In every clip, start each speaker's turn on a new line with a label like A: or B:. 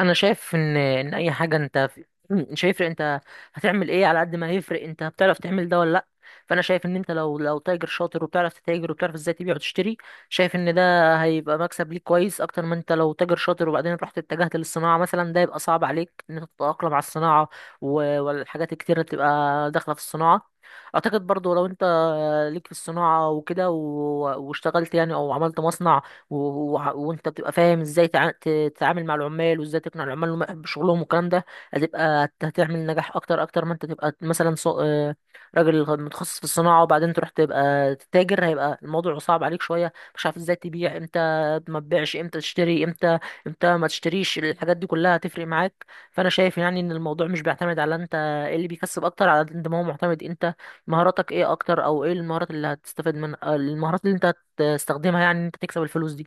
A: انا شايف ان اي حاجه انت مش هيفرق. انت هتعمل ايه؟ على قد ما هيفرق انت بتعرف تعمل ده ولا لا. فانا شايف ان انت لو تاجر شاطر وبتعرف تتاجر وبتعرف ازاي تبيع وتشتري. شايف ان ده هيبقى مكسب ليك كويس اكتر ما انت لو تاجر شاطر، وبعدين رحت اتجهت للصناعه مثلا، ده يبقى صعب عليك ان انت تتاقلم على الصناعه والحاجات الكتير اللي بتبقى داخله في الصناعه. اعتقد برضو لو انت ليك في الصناعه وكده واشتغلت يعني او عملت مصنع، وانت بتبقى فاهم ازاي تتعامل مع العمال وازاي تقنع العمال انهم يحبوا شغلهم والكلام ده، هتبقى هتعمل نجاح اكتر اكتر ما انت تبقى مثلا راجل متخصص في الصناعه وبعدين تروح تبقى تتاجر. هيبقى الموضوع صعب عليك شويه، مش عارف ازاي تبيع امتى ما تبيعش، امتى تشتري امتى امتى ما تشتريش. الحاجات دي كلها هتفرق معاك. فانا شايف يعني ان الموضوع مش بيعتمد على انت ايه اللي بيكسب اكتر، على قد ما هو معتمد انت مهاراتك ايه اكتر، او ايه المهارات اللي هتستفاد منها، المهارات اللي انت تستخدمها يعني إن انت تكسب الفلوس دي.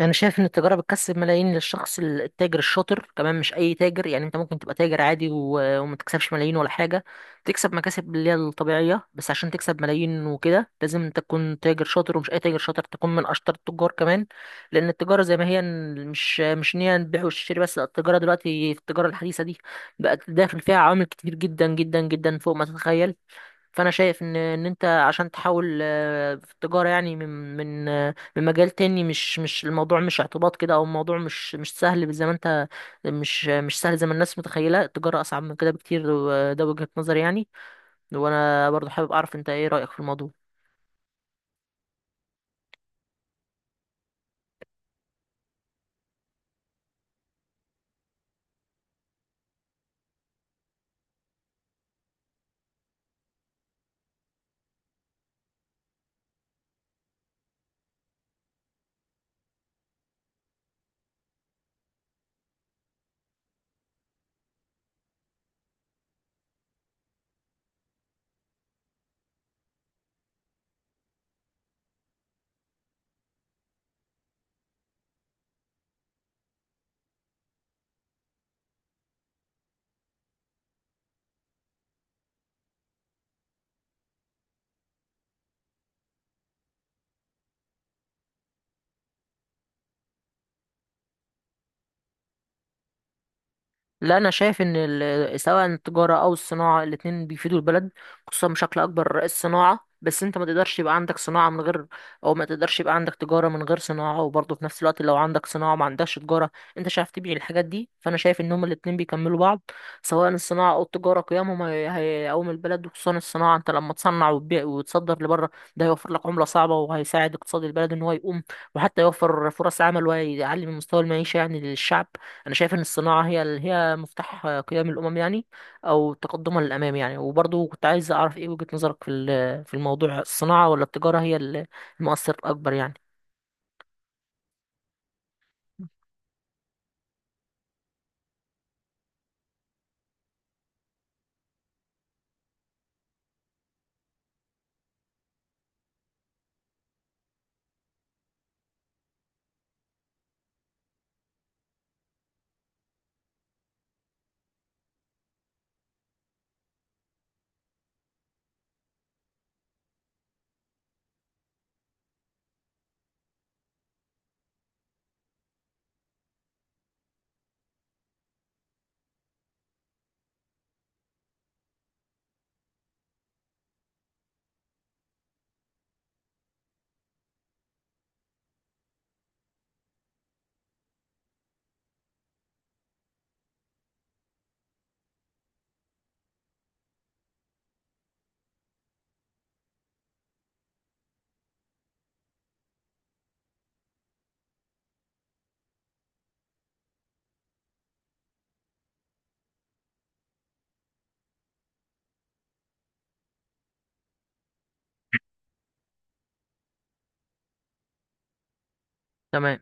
A: انا شايف ان التجاره بتكسب ملايين للشخص التاجر الشاطر كمان، مش اي تاجر. يعني انت ممكن تبقى تاجر عادي وما تكسبش ملايين ولا حاجه، تكسب مكاسب اللي هي الطبيعيه. بس عشان تكسب ملايين وكده لازم انت تكون تاجر شاطر، ومش اي تاجر شاطر، تكون من اشطر التجار كمان. لان التجاره زي ما هي مش ان هي البيع والشراء بس، لا، التجاره دلوقتي، في التجاره الحديثه دي، بقت داخل فيها عوامل كتير جدا جدا جدا فوق ما تتخيل. فانا شايف ان انت عشان تحاول في التجاره يعني، من مجال تاني، مش الموضوع مش اعتباط كده، او الموضوع مش سهل زي ما انت، مش سهل زي ما الناس متخيله. التجاره اصعب من كده بكتير، وده وجهه نظري يعني. وانا برضو حابب اعرف انت ايه رايك في الموضوع. لا، انا شايف ان سواء التجاره او الصناعه الاتنين بيفيدوا البلد، خصوصا بشكل اكبر الصناعه. بس انت ما تقدرش يبقى عندك صناعه من غير، او ما تقدرش يبقى عندك تجاره من غير صناعه. وبرضه في نفس الوقت لو عندك صناعه ما عندكش تجاره، انت مش عارف تبيع الحاجات دي. فانا شايف ان هما الاتنين بيكملوا بعض، سواء الصناعه او التجاره. قيمهم هيقوم البلد وخصوصا الصناعه. انت لما تصنع وتبيع وتصدر لبره، ده هيوفر لك عمله صعبه وهيساعد اقتصاد البلد ان هو يقوم، وحتى يوفر فرص عمل ويعلي من مستوى المعيشه يعني للشعب. انا شايف ان الصناعه هي هي مفتاح قيام الامم يعني، او تقدمها للامام يعني. وبرضه كنت عايز اعرف ايه وجهه نظرك في في الموضوع، الصناعه ولا التجاره هي المؤثر الاكبر يعني. تمام.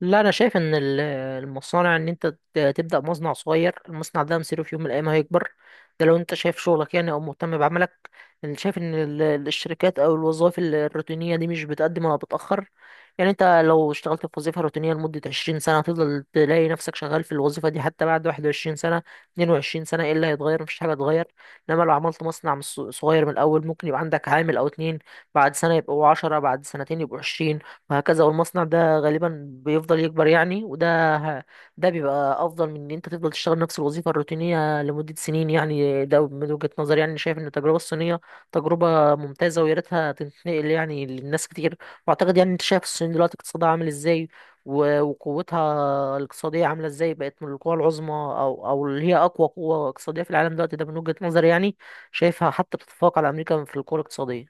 A: لا، انا شايف ان المصانع ان انت تبدا مصنع صغير. المصنع ده مصيره في يوم من الايام هيكبر، ده لو انت شايف شغلك يعني او مهتم بعملك. انا شايف ان الشركات او الوظائف الروتينيه دي مش بتقدم ولا بتاخر. يعني انت لو اشتغلت في وظيفه روتينيه لمده 20 سنه، هتفضل تلاقي نفسك شغال في الوظيفه دي حتى بعد 21 سنه، 22 سنه. ايه اللي هيتغير؟ مفيش حاجه هتتغير. انما لو عملت مصنع من صغير من الاول، ممكن يبقى عندك عامل او اتنين، بعد سنه يبقوا 10، بعد سنتين يبقوا 20، وهكذا. والمصنع ده غالبا بيفضل يكبر يعني. ده بيبقى افضل من ان انت تفضل تشتغل نفس الوظيفه الروتينيه لمده سنين يعني. ده من وجهه نظري يعني. شايف ان التجربه الصينيه تجربه ممتازه، ويا ريتها تنتقل يعني للناس كتير. واعتقد يعني انت شايف الصين دلوقتي اقتصادها عامل ازاي، وقوتها الاقتصاديه عامله ازاي، بقت من القوى العظمى، او اللي هي اقوى قوه اقتصاديه في العالم دلوقتي. ده من وجهه نظري يعني. شايفها حتى بتتفوق على امريكا في القوه الاقتصاديه.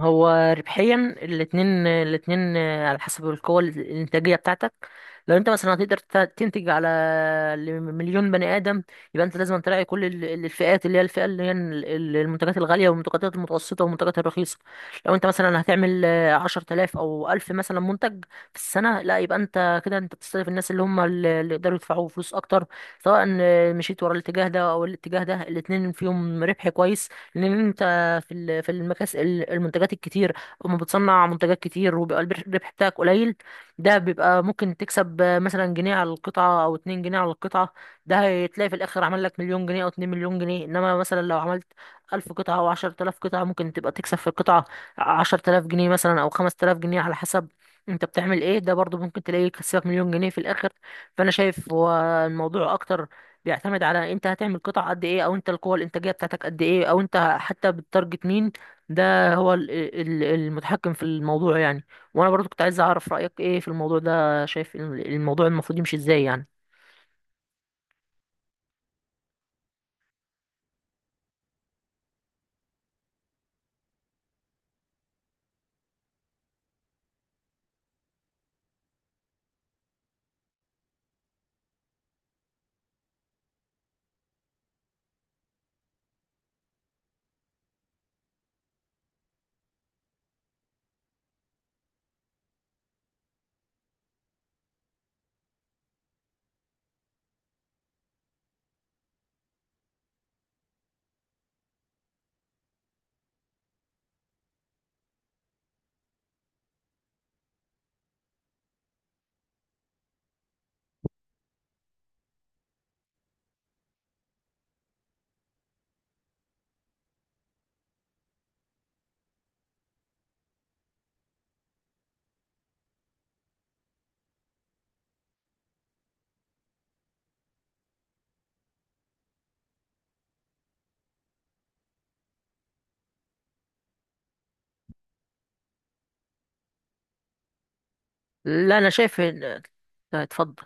A: هو ربحيا الاتنين على حسب القوة الإنتاجية بتاعتك. لو انت مثلا هتقدر تنتج على مليون بني آدم، يبقى انت لازم تراعي كل الفئات، اللي هي الفئة اللي هي المنتجات الغالية والمنتجات المتوسطة والمنتجات الرخيصة. لو انت مثلا هتعمل 10 آلاف أو 1000 مثلا منتج في السنة، لا يبقى انت كده انت بتستهدف الناس اللي هم اللي يقدروا يدفعوا فلوس أكتر. سواء مشيت ورا الاتجاه ده أو الاتجاه ده، الاتنين فيهم ربح كويس. لأن انت في في المنتجات الكتير، اما بتصنع منتجات كتير وبيبقى الربح بتاعك قليل، ده بيبقى ممكن تكسب مثلا جنيه على القطعة او اتنين جنيه على القطعة. ده هتلاقي في الاخر عمل لك مليون جنيه او 2 مليون جنيه. انما مثلا لو عملت 1000 قطعة او 10 آلاف قطعة، ممكن تبقى تكسب في القطعة 10 آلاف جنيه مثلا او 5 آلاف جنيه على حسب انت بتعمل ايه. ده برضو ممكن تلاقيه يكسبك مليون جنيه في الاخر. فانا شايف هو الموضوع اكتر بيعتمد على انت هتعمل قطع قد ايه، او انت القوة الانتاجية بتاعتك قد ايه، او انت حتى بتتارجت مين. ده هو المتحكم في الموضوع يعني. وانا برضو كنت عايز اعرف رأيك ايه في الموضوع ده. شايف الموضوع المفروض يمشي ازاي يعني. لا، انا شايف طيب، اتفضل.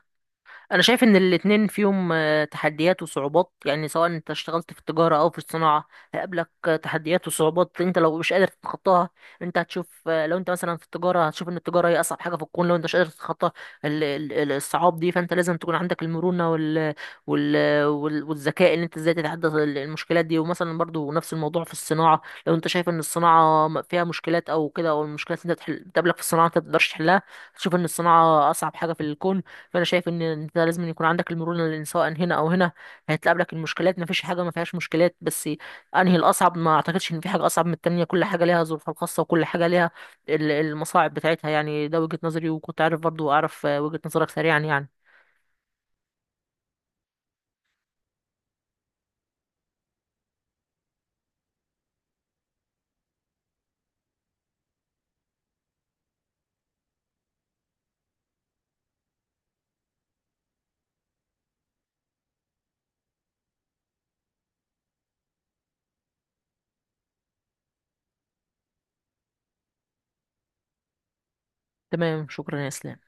A: انا شايف ان الاتنين فيهم تحديات وصعوبات. يعني سواء انت اشتغلت في التجارة او في الصناعة هيقابلك تحديات وصعوبات انت لو مش قادر تتخطاها. انت هتشوف لو انت مثلا في التجارة، هتشوف ان التجارة هي اصعب حاجة في الكون، لو انت مش قادر تتخطى الصعاب دي. فانت لازم تكون عندك المرونة والذكاء، ان انت ازاي تتحدى المشكلات دي. ومثلا برضو نفس الموضوع في الصناعة، لو انت شايف ان الصناعة فيها مشكلات او كده، او المشكلات اللي انت بتقابلك في الصناعة انت ما بتقدرش تحلها، تشوف ان الصناعة اصعب حاجة في الكون. فانا شايف ان انت لازم يكون عندك المرونه، لان سواء هنا او هنا هتقابلك المشكلات. ما فيش حاجه ما فيهاش مشكلات. بس انهي الاصعب؟ ما اعتقدش ان في حاجه اصعب من التانية. كل حاجه ليها ظروفها الخاصه، وكل حاجه ليها المصاعب بتاعتها يعني. ده وجهه نظري. وكنت عارف برضو اعرف وجهه نظرك سريعا يعني. تمام، شكرا يا اسلام.